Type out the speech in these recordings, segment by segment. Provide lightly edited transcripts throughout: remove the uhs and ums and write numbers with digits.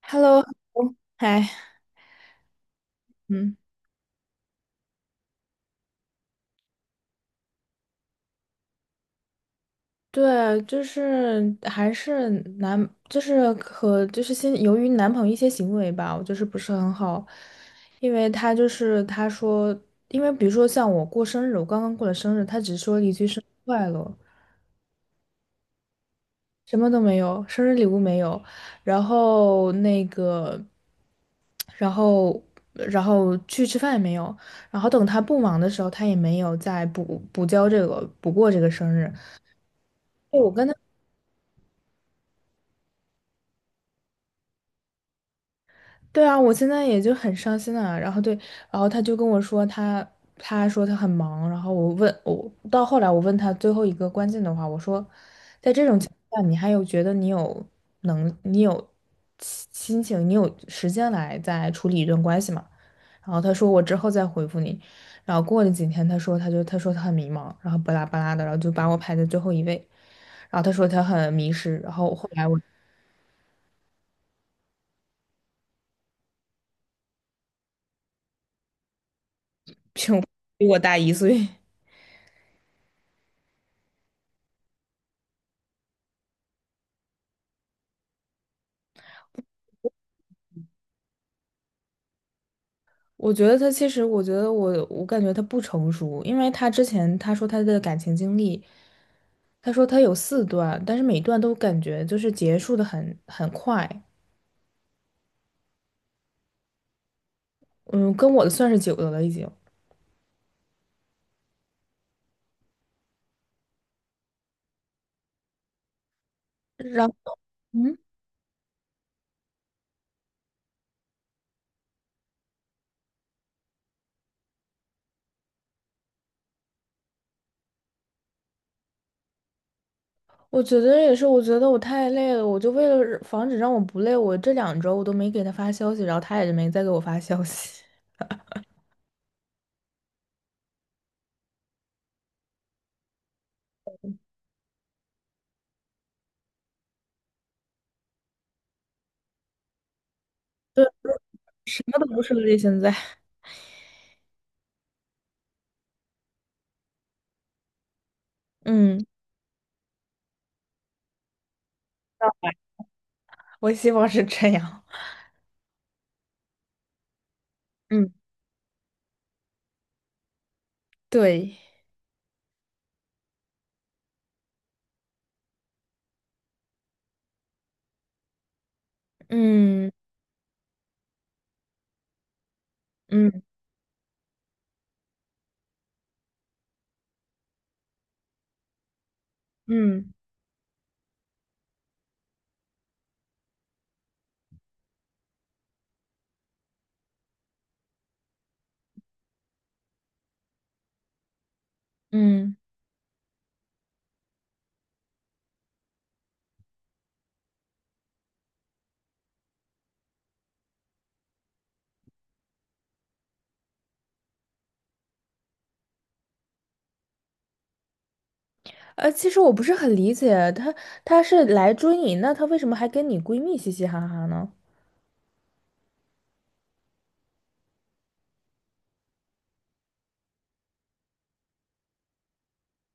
Hello，嗨，嗯，对，就是还是就是和就是先由于男朋友一些行为吧，我就是不是很好，因为他就是他说，因为比如说像我过生日，我刚刚过了生日，他只说了一句生日快乐，什么都没有，生日礼物没有，然后那个，然后然后去吃饭也没有，然后等他不忙的时候，他也没有再补过这个生日。对，我跟他。对啊，我现在也就很伤心啊。然后对，然后他就跟我说他很忙。然后我问我到后来我问他最后一个关键的话，我说，在这种情况下，你还有觉得你有心情，你有时间来再处理一段关系吗？然后他说我之后再回复你。然后过了几天，他说他很迷茫，然后巴拉巴拉的，然后就把我排在最后一位。然后他说他很迷失，然后后来我就 比我大一岁。我觉得他其实，我觉得我感觉他不成熟，因为他之前他说他的感情经历，他说他有四段，但是每段都感觉就是结束的很快，嗯，跟我的算是久的了已经。然后，嗯，我觉得也是，我觉得我太累了，我就为了防止让我不累，我这两周我都没给他发消息，然后他也就没再给我发消息，对，什么都不是了，现在，嗯，我希望是这样，嗯，对，嗯嗯嗯嗯。其实我不是很理解，她她是来追你，那她为什么还跟你闺蜜嘻嘻哈哈呢？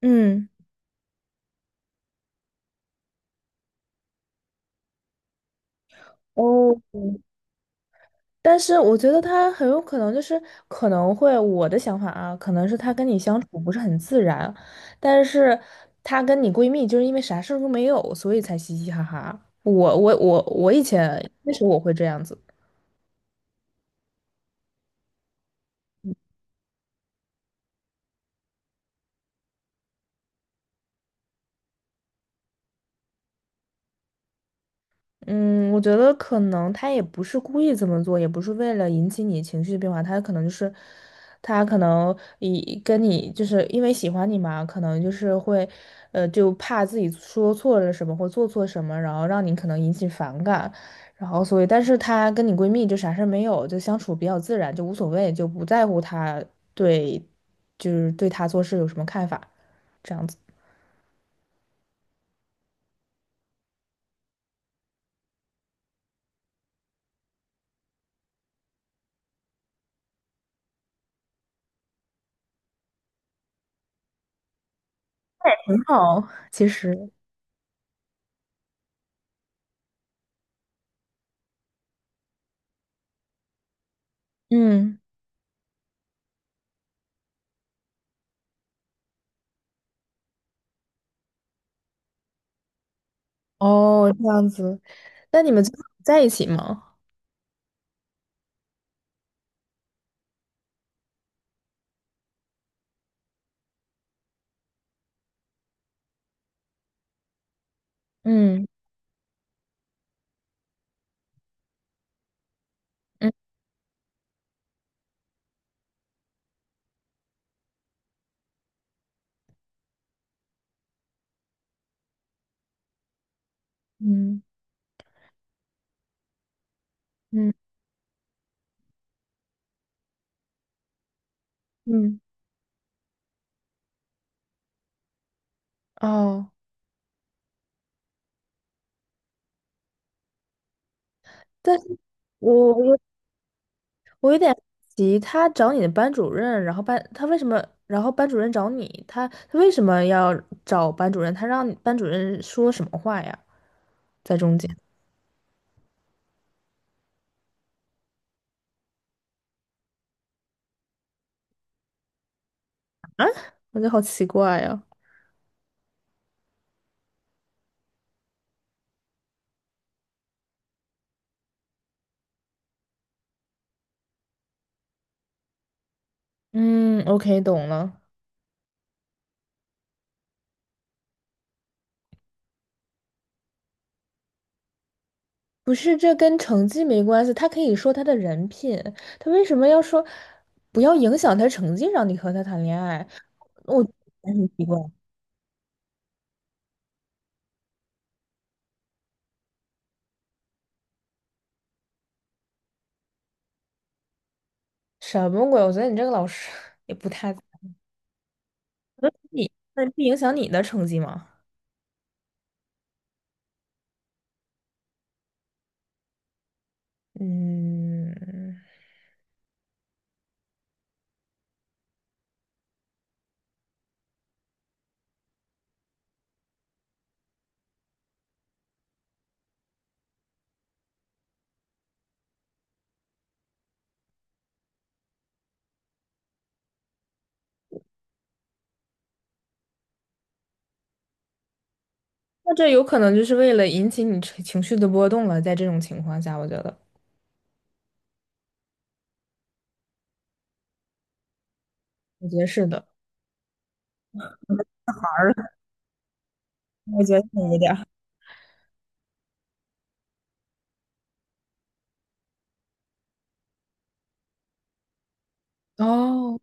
嗯，哦，但是我觉得她很有可能就是可能会我的想法啊，可能是她跟你相处不是很自然，但是她跟你闺蜜就是因为啥事儿都没有，所以才嘻嘻哈哈。我以前那时候我会这样子。嗯，我觉得可能他也不是故意这么做，也不是为了引起你情绪的变化，他可能就是，他可能以跟你就是因为喜欢你嘛，可能就是会，就怕自己说错了什么或做错什么，然后让你可能引起反感，然后所以，但是她跟你闺蜜就啥事儿没有，就相处比较自然，就无所谓，就不在乎她对，就是对她做事有什么看法，这样子很好，其实，嗯。哦，这样子。那你们最后在一起吗？嗯嗯嗯嗯嗯。哦，但是我我我有点急，他找你的班主任，然后班他为什么，然后班主任找你，他他为什么要找班主任？他让班主任说什么话呀？在中间，我觉得好奇怪呀。嗯，OK，懂了。不是，这跟成绩没关系，他可以说他的人品，他为什么要说不要影响他成绩，让你和他谈恋爱？我觉得很奇怪，什么鬼？我觉得你这个老师也不太你，那不影响你的成绩吗？嗯，那这有可能就是为了引起你情绪的波动了。在这种情况下，我觉得，我觉得是的。玩儿了我觉得有一点儿哦，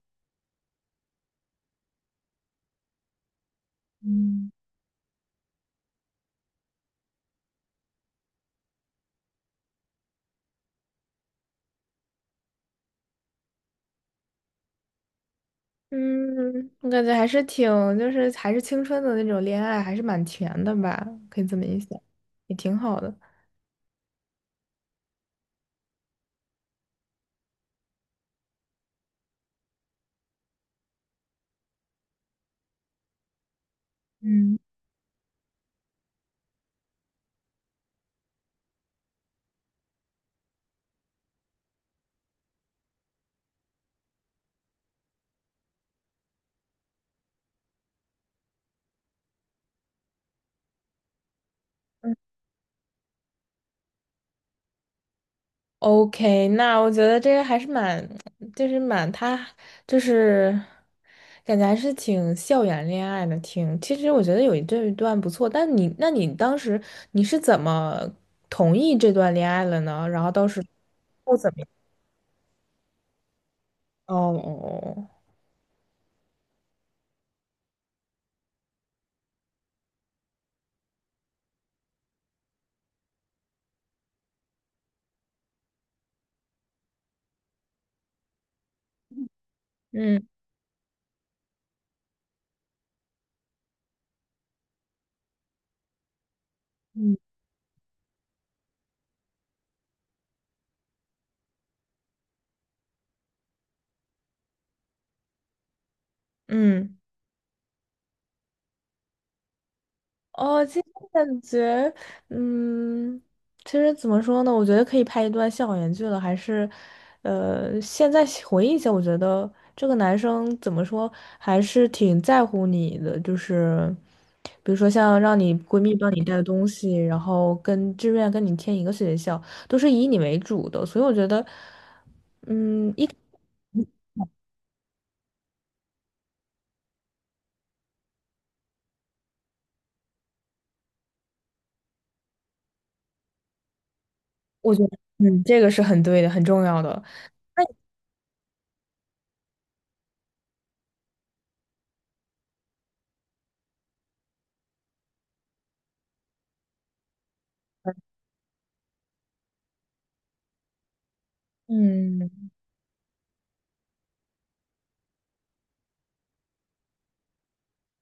嗯嗯，我感觉还是挺，就是还是青春的那种恋爱，还是蛮甜的吧？可以这么一想，也挺好的。嗯。OK，那我觉得这个还是蛮，就是蛮他，就是感觉还是挺校园恋爱的，挺。其实我觉得有一这一段不错，但你，那你当时你是怎么同意这段恋爱了呢？然后到时候怎么？哦哦哦，嗯嗯嗯。哦，其实感觉，嗯，其实怎么说呢？我觉得可以拍一段校园剧了，还是，现在回忆一下，我觉得这个男生怎么说，还是挺在乎你的，就是，比如说像让你闺蜜帮你带东西，然后跟志愿跟你填一个学校，都是以你为主的，所以我觉得，我觉得，嗯，这个是很对的，很重要的，嗯。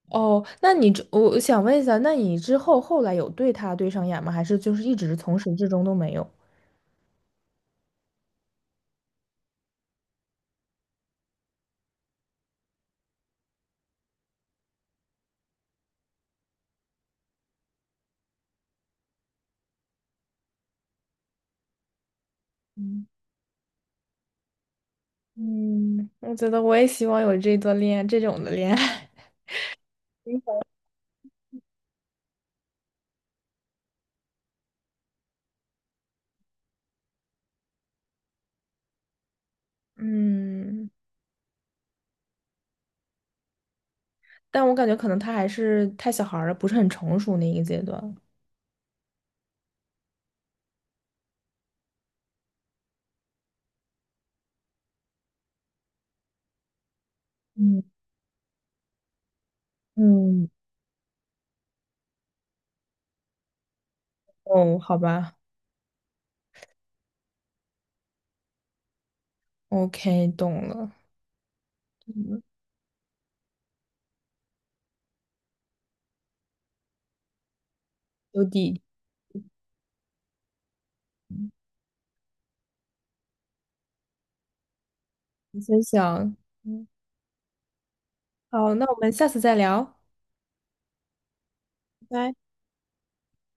哦，那你之我我想问一下，那你之后有对他对上眼吗？还是就是一直从始至终都没有？嗯，我觉得我也希望有这段恋爱，这种的恋爱。嗯，但我感觉可能他还是太小孩儿了，不是很成熟那一个阶段。嗯嗯，哦，好吧，OK，懂了，嗯有底，你先想。嗯，好，那我们下次再聊。拜拜。